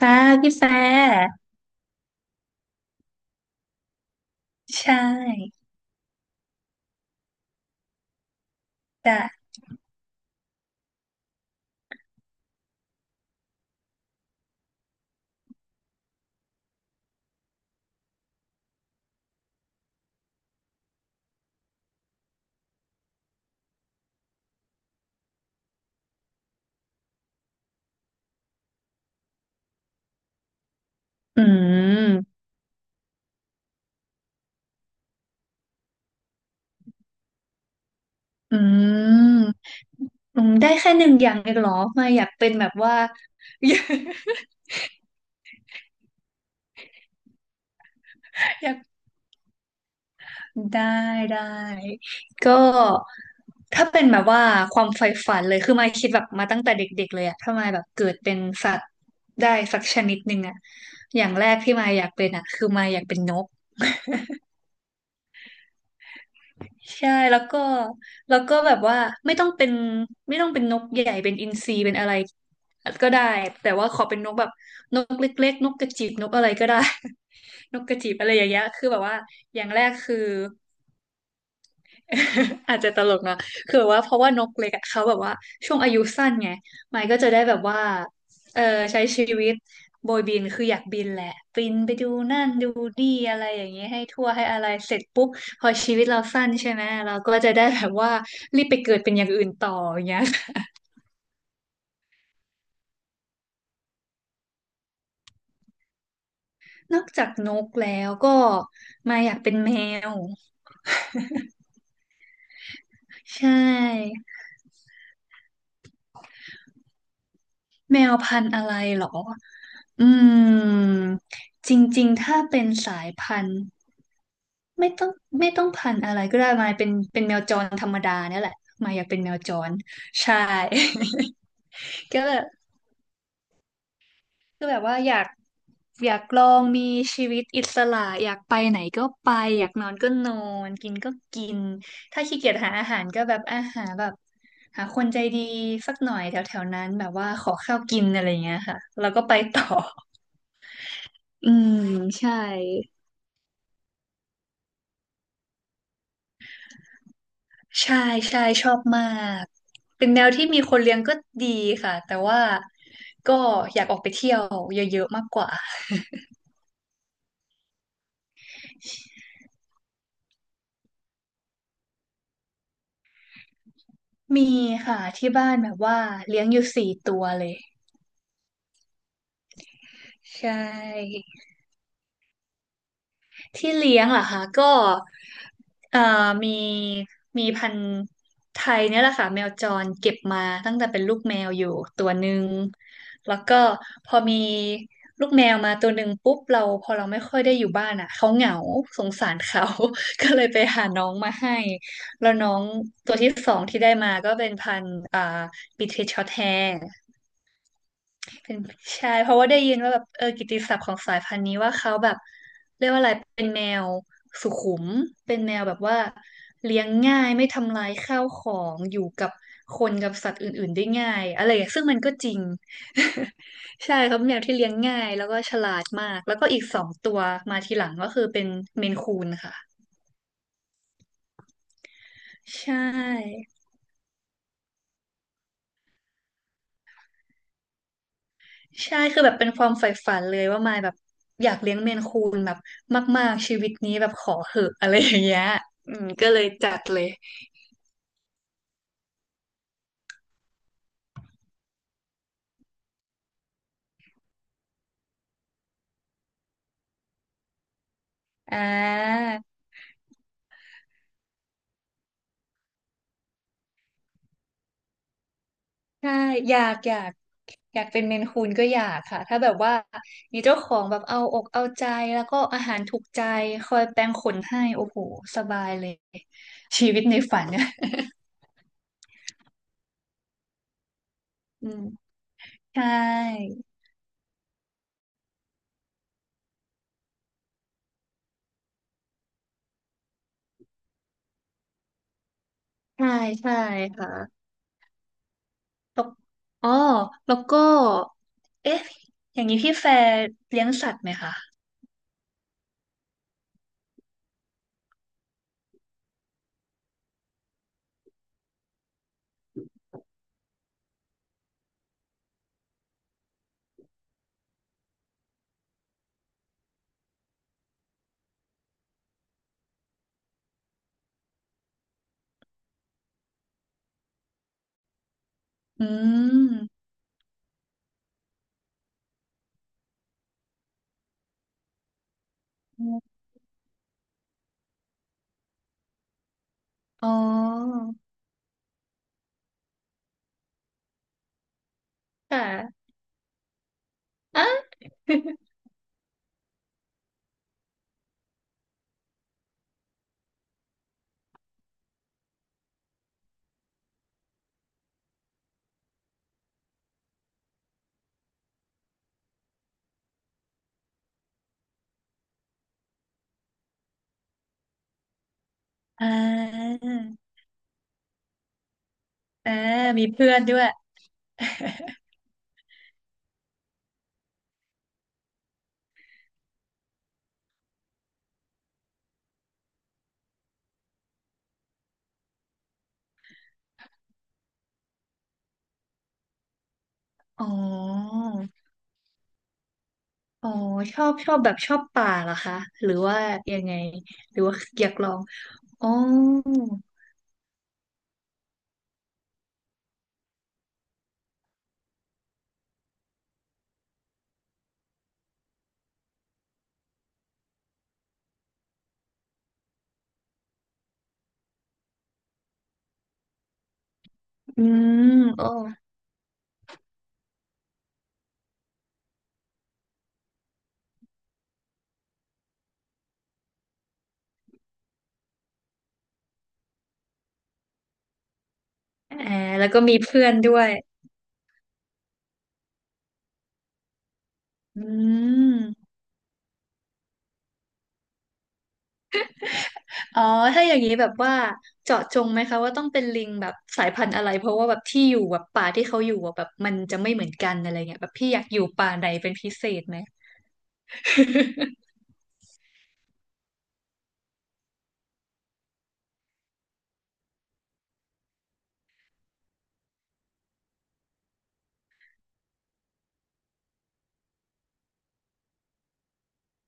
ค่ะพี่แฟร์ใช่แต่อืมอืมได้แค่หนึ่งอย่างเองเหรอมาอยากเป็นแบบว่า อยากได้ได้ก็ถ้าเป็นแบบว่าความใฝ่ฝันเลยคือมายคิดแบบมาตั้งแต่เด็กๆเลยอะถ้ามายแบบเกิดเป็นสัตว์ได้สักชนิดหนึ่งอะอย่างแรกที่มายอยากเป็นอะคือมายอยากเป็นนก ใช่แล้วก็แล้วก็แบบว่าไม่ต้องเป็นไม่ต้องเป็นนกใหญ่เป็นอินทรีเป็นอะไรก็ได้แต่ว่าขอเป็นนกแบบนกเล็กๆนกกระจิบนกอะไรก็ได้ นกกระจิบอะไรอย่างเงี้ยคือแบบว่าอย่างแรกคือ อาจจะตลกนะคือว่าเพราะว่านกเล็กอะเขาแบบว่าช่วงอายุสั้นไงไมค์ก็จะได้แบบว่าเออใช้ชีวิตโบยบินคืออยากบินแหละบินไปดูนั่นดูนี่อะไรอย่างเงี้ยให้ทั่วให้อะไรเสร็จปุ๊บพอชีวิตเราสั้นใช่ไหมเราก็จะได้แบบว่ารีบไปเกิดเป็นอย่างอื่นต่ออย่างเงี้ย นอกจากนกแล้วก็มาอยากเป็นแมวใช่แมวพันธุ์อะไรเหรออืมจริงๆถ้าเป็นสายพันธุ์ ไม่ต้องไม่ต้องพันธุ์อะไรก็ได้มายเป็นเป็นแมวจรธรรมดาเนี่ยแหละมายอยากเป็นแมวจรใช่ ก็แบบก็แบบว่าอยากอยากลองมีชีวิตอิสระอยากไปไหนก็ไปอยากนอนก็นอนกินก็กินถ้าขี้เกียจหาอาหารก็แบบอาหารแบบหาคนใจดีสักหน่อยแถวแถวนั้นแบบว่าขอข้าวกินอะไรเงี้ยค่ะแล้วก็ไปต่อ อืมใช่ ใช่ใช่ชอบมากเป็นแนวที่มีคนเลี้ยงก็ดีค่ะแต่ว่าก็อยากออกไปเที่ยวเยอะๆมากกว่ามีค่ะที่บ้านแบบว่าเลี้ยงอยู่สี่ตัวเลยใช่ ที่เลี้ยงเหรอคะก็เอ่อมีมีพันธุ์ไทยเนี่ยแหละค่ะแมวจรเก็บมาตั้งแต่เป็นลูกแมวอยู่ตัวหนึ่งแล้วก็พอมีลูกแมวมาตัวหนึ่งปุ๊บเราพอเราไม่ค่อยได้อยู่บ้านอ่ะเขาเหงาสงสารเขา ก็เลยไปหาน้องมาให้แล้วน้องตัวที่สองที่ได้มาก็เป็นพันธุ์บิเทชช็อตแฮร์ เป็นใช่เพราะว่าได้ยินว่าแบบเออกิตติศัพท์ของสายพันธุ์นี้ว่าเขาแบบเรียกว่าอะไรเป็นแมวสุขุมเป็นแมวแบบว่าเลี้ยงง่ายไม่ทำลายข้าวของอยู่กับคนกับสัตว์อื่นๆได้ง่ายอะไรอย่างซึ่งมันก็จริง ใช่ครับแมวที่เลี้ยงง่ายแล้วก็ฉลาดมากแล้วก็อีกสองตัวมาทีหลังก็คือเป็นเมนคูนค่ะใช่ ใช่คือแบบเป็นความใฝ่ฝันเลยว่ามายแบบอยากเลี้ยงเมนคูนแบบมากๆชีวิตนี้แบบขอเหอะอะไรอย่างเงี้ยอืมก็เลยจัดเลยอ่าใช่อยากอยากอยากเป็นเมนคูนก็อยากค่ะถ้าแบบว่ามีเจ้าของแบบเอาอกเอาใจแล้วก็อาหารถูกใจคอยแปรงขนให้โอ้โหสบายเลยชีวิตในฝันเนี่ย อืมใช่ใช่ใช่ค่ะ แล้วอ๋อแล้วก็เอ๊ะอย่างนี้พี่แฟร์เลี้ยงสัตว์ไหมคะอืมอ๋อค่ะอ่ะ อ่าอ่ามีเพื่อนด้วยอ๋ออ๋อชอบชอบแบบชอบป่าเหรอคะหรือว่ายังไงหรือว่าอยากลองอ๋ออืมอ๋ออ่าแล้วก็มีเพื่อนด้วยอืม อ๋อถ้าอย่างนี้แบบว่าเจาะจงไหมคะว่าต้องเป็นลิงแบบสายพันธุ์อะไรเพราะว่าแบบที่อยู่แบบป่าที่เขาอยู่อะแบบมันจะไม่เหมือนกันอะไรเงี้ยแบบพี่อยากอยู่ป่าไหนเป็นพิเศษไหม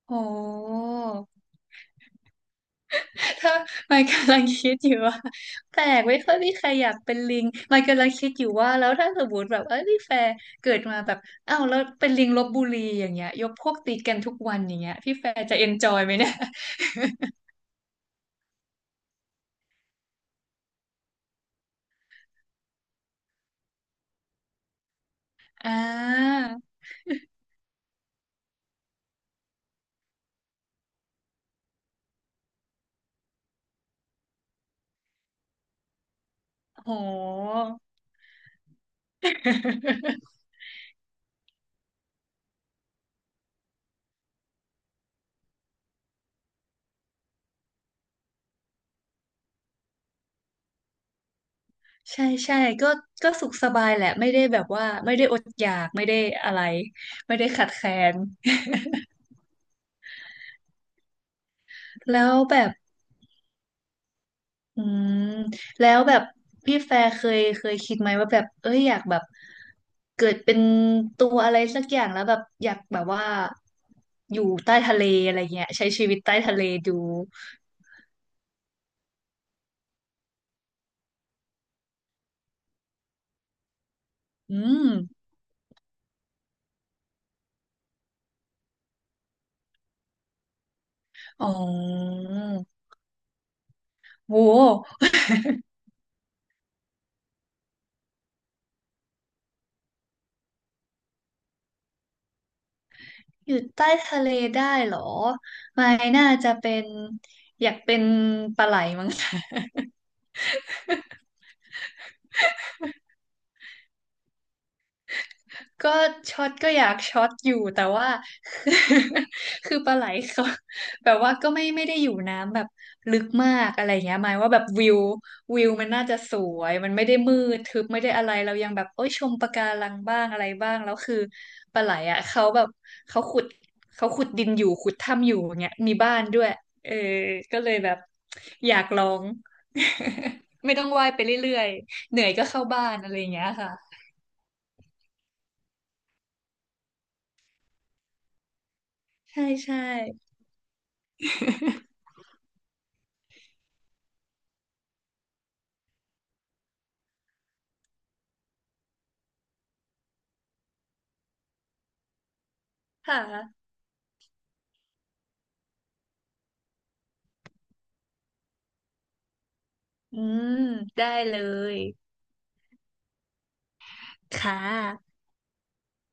โอ้ ถ้า มันกำลังคิดอยู่ว่าแปลกไม่ค่อยมีใครอยากเป็นลิงมันกำลังคิดอยู่ว่าแล้วถ้าสมมติแบบเออนี่แฟร์เกิดมาแบบอ้าวแล้วเป็นลิงลพบุรีอย่างเงี้ยยกพวกตีกันทุกวันอย่างเงี้ยพี่แฟร์จะเอนจอยไหมเนี่ย อ่าโห ใช่ใช่ก็ก็สุขสบายแหละไม่ได้แบบว่าไม่ได้อดอยากไม่ได้อะไรไม่ได้ขัดแคลน แล้วแบบอืมแล้วแบบพี่แฟร์เคยคิดไหมว่าแบบเอ้ยอยากแบบเกิดเป็นตัวอะไรสักอย่างแล้วแบบอยากแบบว่าอยู่ใต้ทะเลอะไรเงี้ยใช้ชีวิตใต้ทะเลดูอืมอ๋อโหอยู่ใต้ทะเลได้เหรอไม่น่าจะเป็นอยากเป็นปลาไหลมั้ง ก็ช็อตก็อยากช็อตอยู่แต่ว่า คือปลาไหลเขา แบบว่าก็ไม่ได้อยู่น้ำแบบลึกมากอะไรเงี้ยหมายว่าแบบวิววิวมันน่าจะสวยมันไม่ได้มืดทึบไม่ได้อะไรเรายังแบบโอ้ยชมปะการังบ้างอะไรบ้างแล้วคือปลาไหลอ่ะเขาแบบเขาขุดเขาขุดดินอยู่ขุดถ้ำอยู่เงี้ยมีบ้านด้วยเออก็เลยแบบอยากลอง ไม่ต้องว่ายไปเรื่อยๆเหนื่อยก็เข้าบ้านอะไรอย่างเงี้ยค่ะใช่ใช่ค่ะ อืมได้เลยค่ะ